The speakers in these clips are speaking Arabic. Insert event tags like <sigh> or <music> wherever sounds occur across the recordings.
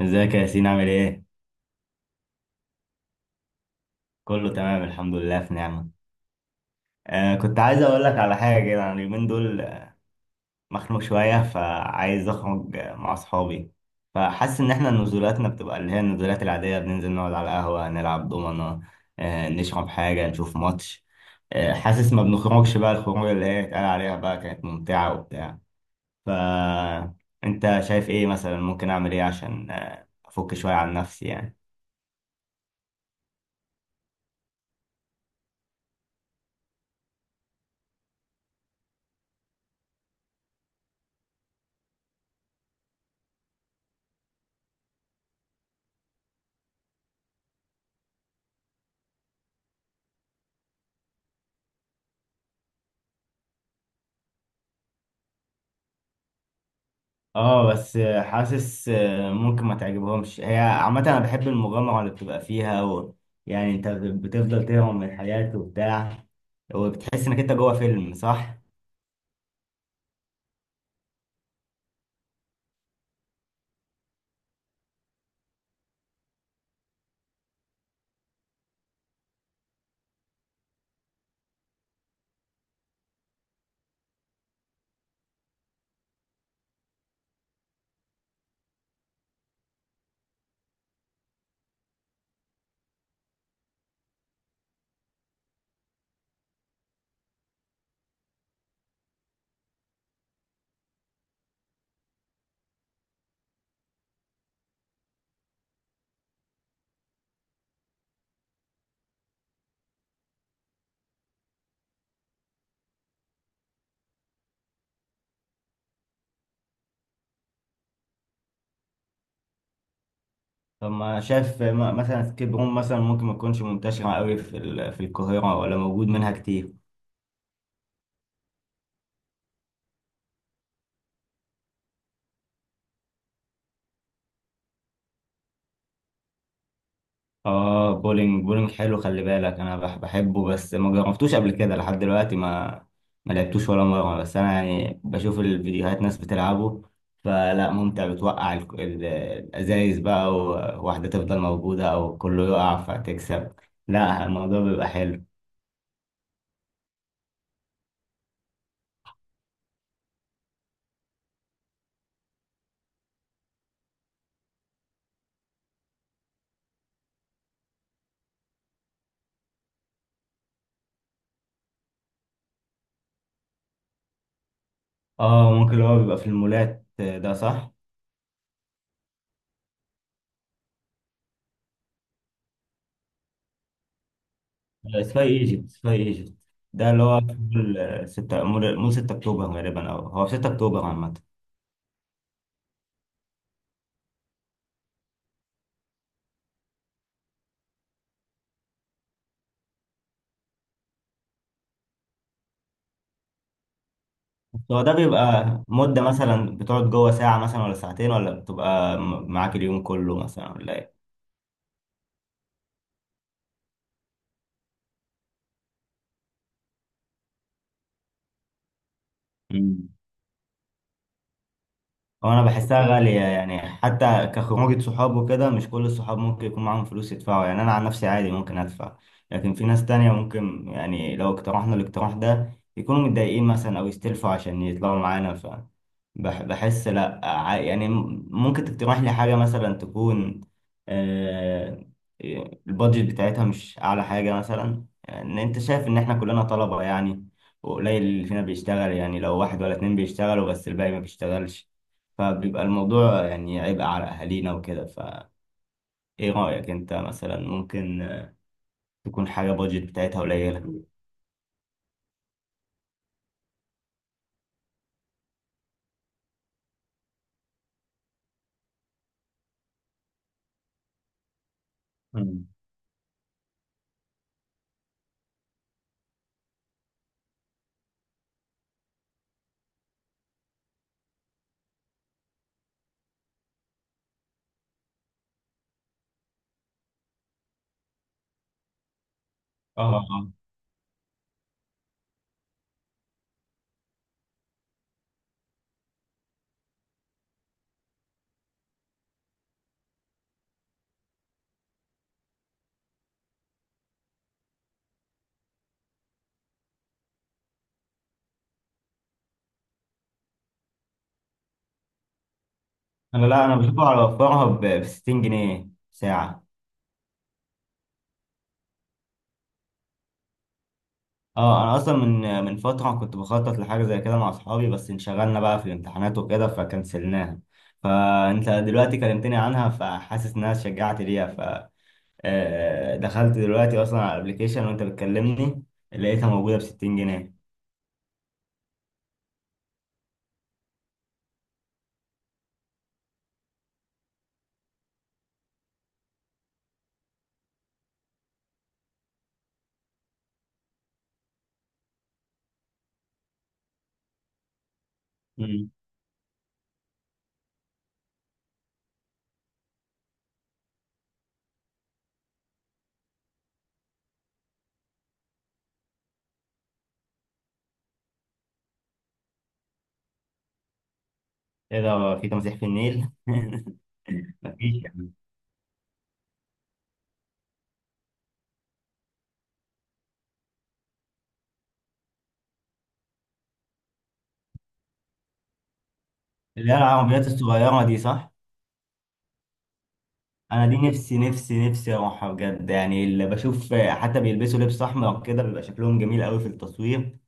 ازيك يا ياسين، عامل ايه؟ كله تمام، الحمد لله، في نعمة. كنت عايز اقول لك على حاجة كده. انا اليومين دول مخنوق شوية، فعايز اخرج مع اصحابي. فحاسس ان احنا نزولاتنا بتبقى اللي هي النزولات العادية، بننزل نقعد على القهوة، نلعب دومنة، نشرب حاجة، نشوف ماتش. حاسس ما بنخرجش بقى، الخروج اللي هي اتقال عليها بقى كانت ممتعة وبتاع. ف انت شايف ايه مثلا؟ ممكن اعمل ايه عشان افك شوية عن نفسي يعني؟ اه، بس حاسس ممكن ما تعجبهمش. هي عامة انا بحب المغامرة اللي بتبقى فيها يعني انت بتفضل تهرب من الحياة وبتاع، وبتحس انك انت جوه فيلم، صح؟ طب، ما شايف مثلا سكيب روم، مثلا ممكن ما تكونش منتشرة قوي في في القاهرة، ولا موجود منها كتير؟ اه، بولينج. بولينج حلو، خلي بالك. انا بحبه بس ما جربتوش قبل كده. لحد دلوقتي ما لعبتوش ولا مره، بس انا يعني بشوف الفيديوهات ناس بتلعبه، فلا ممتع بتوقع الازايز بقى، وواحده تفضل موجوده او كله يقع فتكسب. لا، الموضوع بيبقى حلو. اه، ممكن اللي هو بيبقى في المولات، ده صح. سكاي ايجيبت، سكاي ايجيبت، ده اللي هو في مول 6 مول 6 اكتوبر غالبا، او هو في 6 اكتوبر عامه. هو ده بيبقى مدة مثلا بتقعد جوه ساعة مثلا، ولا ساعتين، ولا بتبقى معاك اليوم كله مثلا، ولا ايه؟ مم. هو انا بحسها غالية يعني، حتى كخروجة صحاب وكده، مش كل الصحاب ممكن يكون معاهم فلوس يدفعوا. يعني انا عن نفسي عادي ممكن ادفع، لكن في ناس تانية ممكن، يعني لو اقترحنا الاقتراح ده، يكونوا متضايقين مثلا او يستلفوا عشان يطلعوا معانا. بحس لا، يعني ممكن تقترح لي حاجة مثلا تكون آه، البادجت بتاعتها مش اعلى حاجة. مثلا يعني انت شايف ان احنا كلنا طلبة يعني، وقليل اللي فينا بيشتغل، يعني لو واحد ولا اتنين بيشتغلوا بس الباقي ما بيشتغلش، فبيبقى الموضوع يعني عبء على أهالينا وكده. فإيه رأيك أنت؟ مثلا ممكن تكون حاجة بادجت بتاعتها قليلة؟ مم. اه اه. أنا، لا أنا بشوف على وفرها ب 60 جنيه ساعة. اه أنا أصلا من فترة كنت بخطط لحاجة زي كده مع أصحابي، بس انشغلنا بقى في الامتحانات وكده فكنسلناها. فأنت دلوقتي كلمتني عنها فحاسس إنها شجعت ليها. دخلت دلوقتي أصلا على الأبليكيشن وأنت بتكلمني، لقيتها موجودة ب 60 جنيه. ايه ده، في تمسيح في النيل؟ <laughs> مفيش يعني. اللي هي العربيات الصغيرة دي، صح؟ أنا دي نفسي نفسي نفسي أروحها بجد. يعني اللي بشوف حتى بيلبسوا لبس أحمر كده بيبقى شكلهم جميل أوي في التصوير.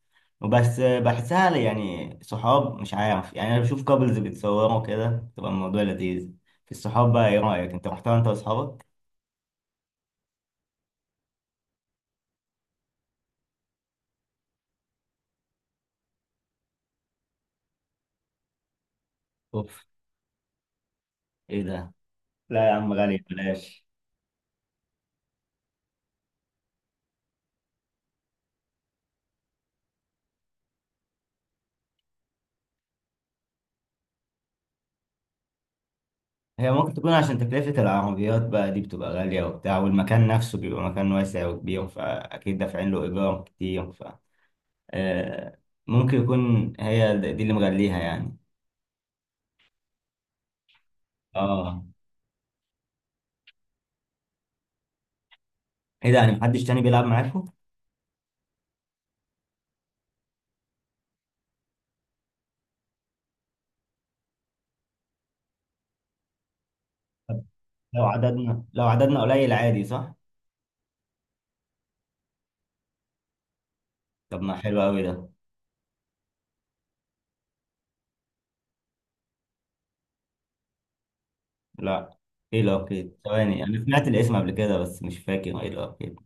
وبس بحسها يعني صحاب، مش عارف، يعني أنا بشوف كابلز بيتصوروا كده، تبقى الموضوع لذيذ في الصحاب بقى. إيه رأيك؟ أنت رحتها أنت وأصحابك؟ أوف! إيه ده؟ لا يا عم، غالي، بلاش. هي ممكن تكون عشان تكلفة العربيات بقى دي بتبقى غالية وبتاع، والمكان نفسه بيبقى مكان واسع وكبير، فأكيد دافعين له إيجار كتير. آه، ممكن يكون هي دي اللي مغليها يعني. اه. ايه ده، يعني محدش تاني بيلعب معاكم؟ طب، لو عددنا قليل، عادي صح؟ طب ما حلو أوي ده. لا. ايه الأركيد؟ ثواني، أنا سمعت الاسم قبل كده بس مش فاكر ايه الأركيد.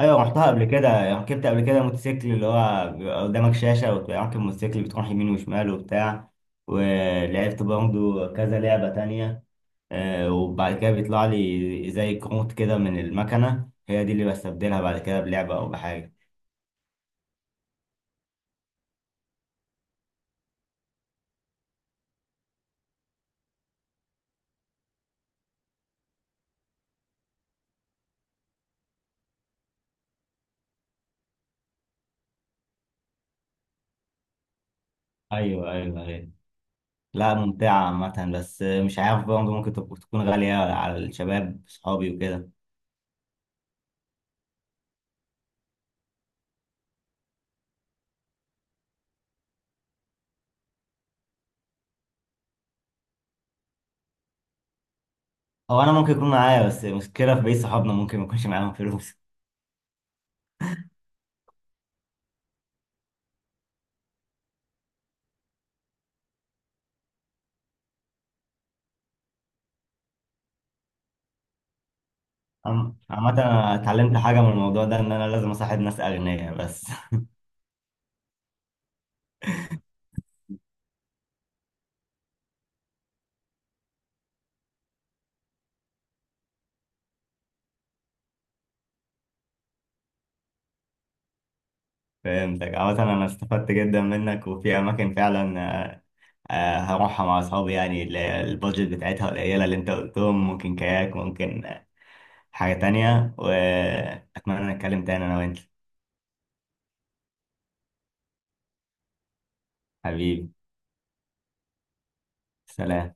ايوه، رحتها قبل كده يعني. ركبت قبل كده موتوسيكل اللي هو بيبقى قدامك شاشه وراكب موتوسيكل بتروح يمين وشمال وبتاع. ولعبت برضه كذا لعبه تانية. وبعد كده بيطلع لي زي كروت كده من المكنه، هي دي اللي بستبدلها بعد كده بلعبه او بحاجه. ايوه ايوه ايوه. لا، ممتعه عامه، بس مش عارف برضه ممكن تكون غاليه على الشباب صحابي وكده. او انا ممكن يكون معايا بس مشكله في بقية صحابنا، ممكن ما يكونش معاهم فلوس. عامة أنا اتعلمت حاجة من الموضوع ده، إن أنا لازم أصاحب ناس أغنياء بس. <laughs> فهمتك. عامة أنا استفدت جدا منك، وفي أماكن فعلا هروحها مع أصحابي، يعني اللي هي البادجت بتاعتها قليلة اللي أنت قلتهم. ممكن كاياك، ممكن حاجة تانية. وأتمنى نتكلم تاني أنا وأنت. حبيبي. سلام.